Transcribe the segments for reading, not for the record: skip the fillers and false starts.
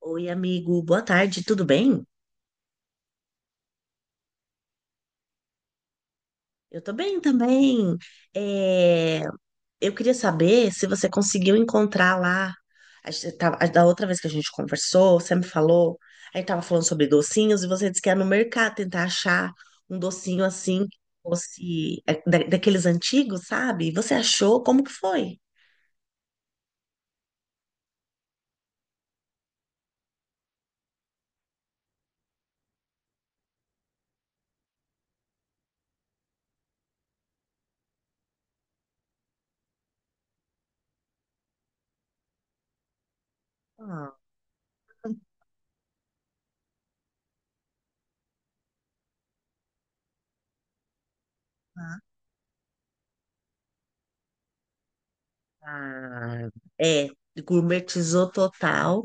Oi, amigo, boa tarde, tudo bem? Eu tô bem também. É, eu queria saber se você conseguiu encontrar lá. A gente tava- a- Da outra vez que a gente conversou, você me falou, a gente tava falando sobre docinhos e você disse que ia no mercado tentar achar um docinho assim, que fosse daqueles antigos, sabe? Você achou? Como que foi? Ah, é, gourmetizou total.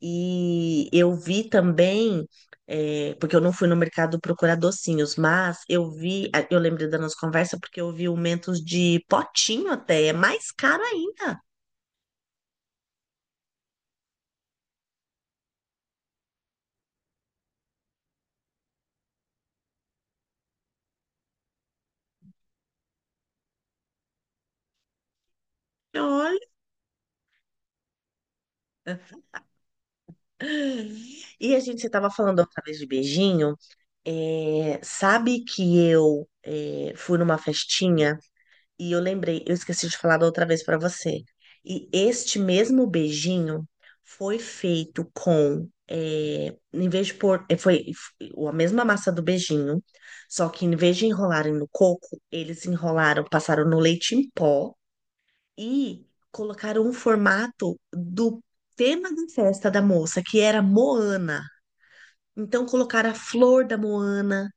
E eu vi também, porque eu não fui no mercado procurar docinhos, mas eu vi, ah, eu lembrei da nossa conversa porque eu vi o Mentos de potinho, até é mais caro ainda. Olha. E a gente estava falando outra vez de beijinho. É, sabe que eu é, fui numa festinha e eu lembrei, eu esqueci de falar da outra vez para você. E este mesmo beijinho foi feito com, em vez de pôr, a mesma massa do beijinho, só que em vez de enrolarem no coco, eles enrolaram, passaram no leite em pó e colocaram um formato do tema da festa da moça, que era Moana. Então colocaram a flor da Moana.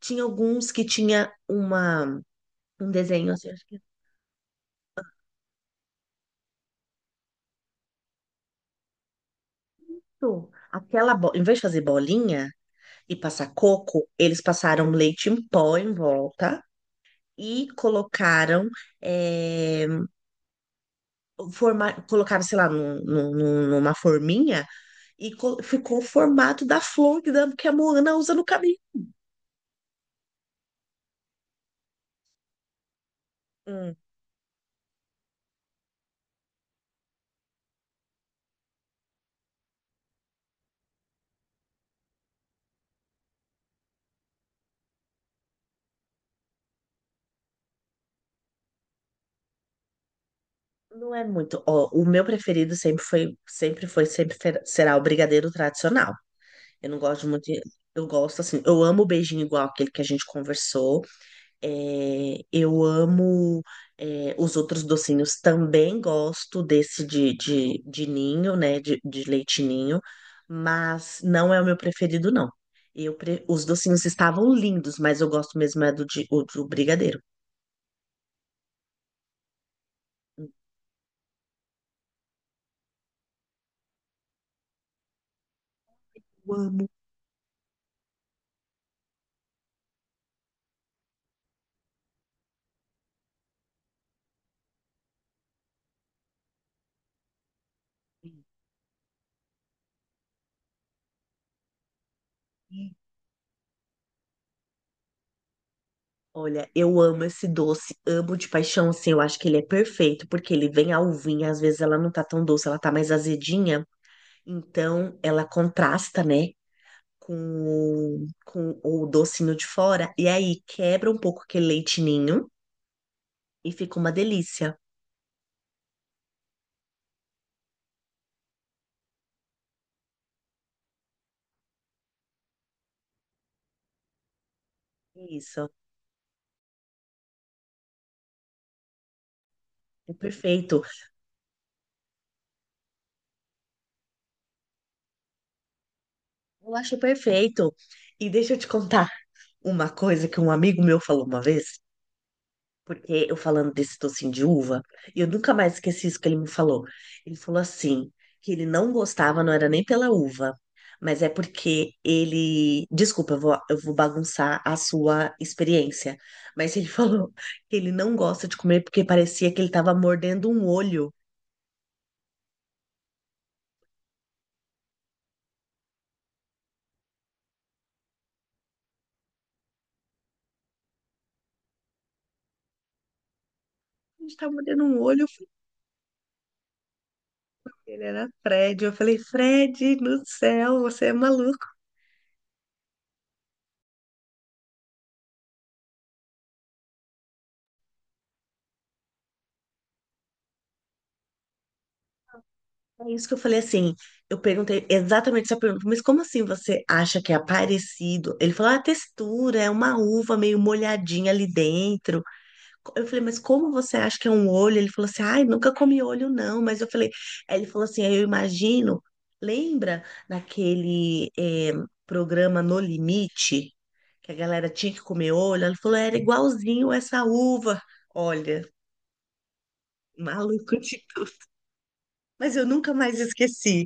Tinha alguns que tinha uma um desenho assim, pronto. Em vez de fazer bolinha e passar coco, eles passaram leite em pó em volta e colocaram, eh, forma... colocaram, sei lá, numa forminha e ficou o formato da flor que a Moana usa no cabelo. Hum, Não é muito. Ó, o meu preferido sempre foi, sempre foi, sempre fer- será o brigadeiro tradicional. Eu não gosto muito de... Eu gosto assim, eu amo o beijinho igual aquele que a gente conversou. É, eu amo, os outros docinhos, também gosto desse de ninho, né? De leite ninho, mas não é o meu preferido, não. Os docinhos estavam lindos, mas eu gosto mesmo é do brigadeiro. Eu amo. Olha, eu amo esse doce, amo de paixão, assim, eu acho que ele é perfeito, porque ele vem a uvinha, às vezes ela não tá tão doce, ela tá mais azedinha, então ela contrasta, né? Com com o docinho de fora, e aí quebra um pouco aquele leite ninho e fica uma delícia. Isso, é perfeito. Eu acho perfeito. E deixa eu te contar uma coisa que um amigo meu falou uma vez, porque eu falando desse docinho de uva, e eu nunca mais esqueci isso que ele me falou. Ele falou assim, que ele não gostava, não era nem pela uva, mas é porque ele. Desculpa, eu vou bagunçar a sua experiência. Mas ele falou que ele não gosta de comer porque parecia que ele estava mordendo um olho. A gente tá mordendo um olho, ele era Fred. Eu falei, Fred, no céu, você é maluco. É isso que eu falei assim. Eu perguntei exatamente essa pergunta, mas como assim você acha que é parecido? Ele falou, ah, a textura é uma uva meio molhadinha ali dentro. Eu falei, mas como você acha que é um olho? Ele falou assim, ai, nunca comi olho não. Mas eu falei, aí ele falou assim, aí eu imagino, lembra naquele programa No Limite, que a galera tinha que comer olho? Ele falou, era igualzinho essa uva. Olha, maluco, tipo, mas eu nunca mais esqueci.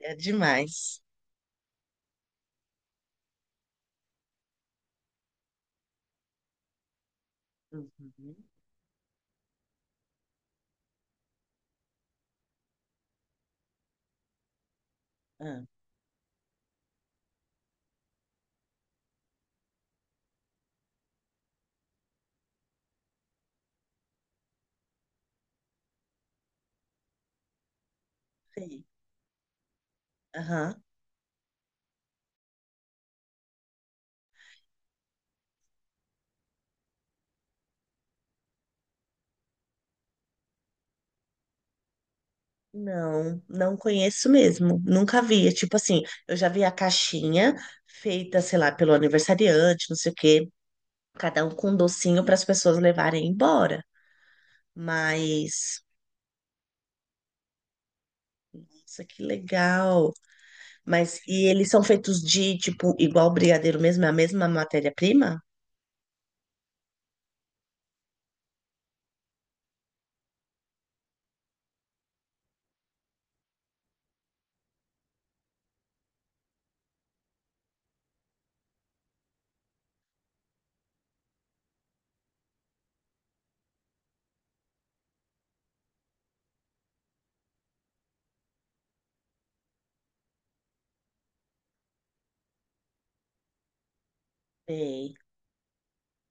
É demais. Uhum. Ah, sei. Aham. Não, não conheço mesmo. Nunca vi. É, tipo assim, eu já vi a caixinha feita, sei lá, pelo aniversariante, não sei o quê, cada um com um docinho para as pessoas levarem embora. Mas, nossa, que legal. Mas, e eles são feitos de, tipo, igual brigadeiro mesmo, é a mesma matéria-prima? Sei.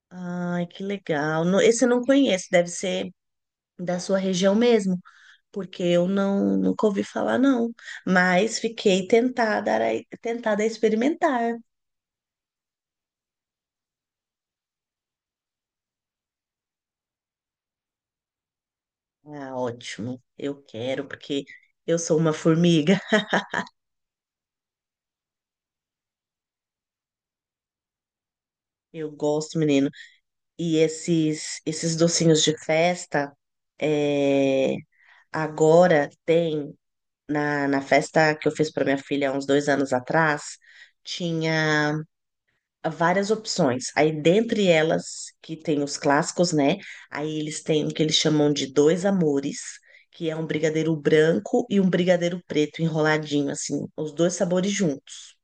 Ai, que legal. No- Esse eu não conheço, deve ser da sua região mesmo, porque eu não nunca ouvi falar, não. Mas fiquei tentada a, tentada a experimentar. Ah, ótimo. Eu quero, porque eu sou uma formiga. Eu gosto, menino. E esses docinhos de festa, é, agora tem na festa que eu fiz para minha filha há uns dois anos atrás, tinha várias opções. Aí, dentre elas, que tem os clássicos, né? Aí eles têm o que eles chamam de dois amores, que é um brigadeiro branco e um brigadeiro preto enroladinho, assim, os dois sabores juntos.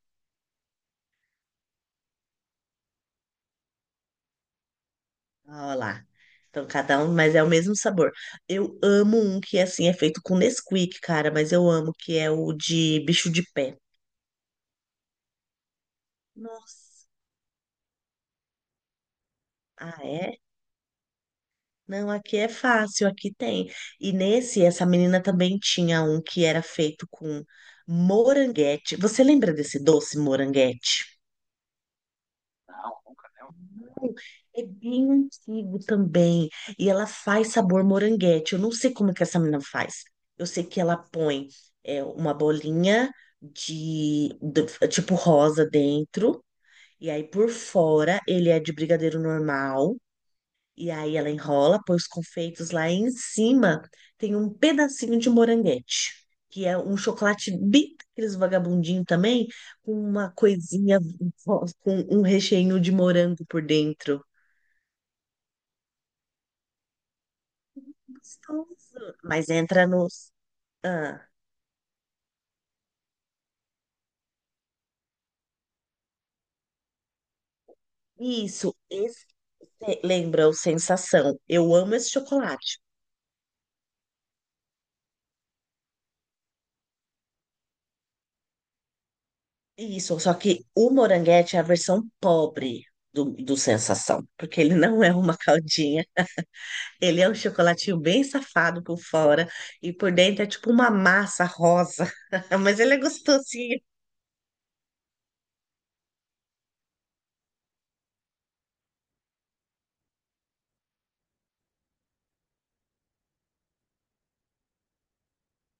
Olha lá. Então, cada um, mas é o mesmo sabor. Eu amo um que, assim, é feito com Nesquik, cara, mas eu amo, que é o de bicho de pé. Nossa. Ah, é? Não, aqui é fácil, aqui tem. E nesse, essa menina também tinha um que era feito com moranguete. Você lembra desse doce moranguete? É bem antigo também. E ela faz sabor moranguete. Eu não sei como que essa menina faz. Eu sei que ela põe, uma bolinha tipo rosa dentro. E aí por fora ele é de brigadeiro normal. E aí ela enrola, põe os confeitos lá e em cima, tem um pedacinho de moranguete, que é um chocolate bem daqueles vagabundinho também, com uma coisinha, com um recheio de morango por dentro. Gostoso. Mas entra nos... Ah, isso, esse lembra o Sensação. Eu amo esse chocolate. Isso, só que o moranguete é a versão pobre do Sensação, porque ele não é uma caldinha. Ele é um chocolatinho bem safado por fora e por dentro é tipo uma massa rosa. Mas ele é gostosinho.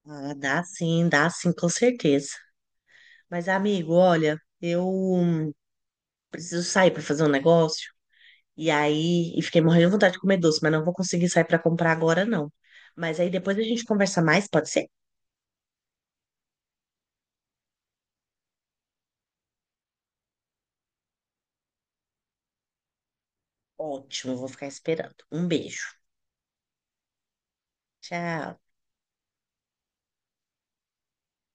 Ah, dá sim, com certeza. Mas, amigo, olha, eu preciso sair para fazer um negócio. E aí, e fiquei morrendo de vontade de comer doce, mas não vou conseguir sair para comprar agora, não. Mas aí depois a gente conversa mais, pode ser? Ótimo, eu vou ficar esperando. Um beijo. Tchau.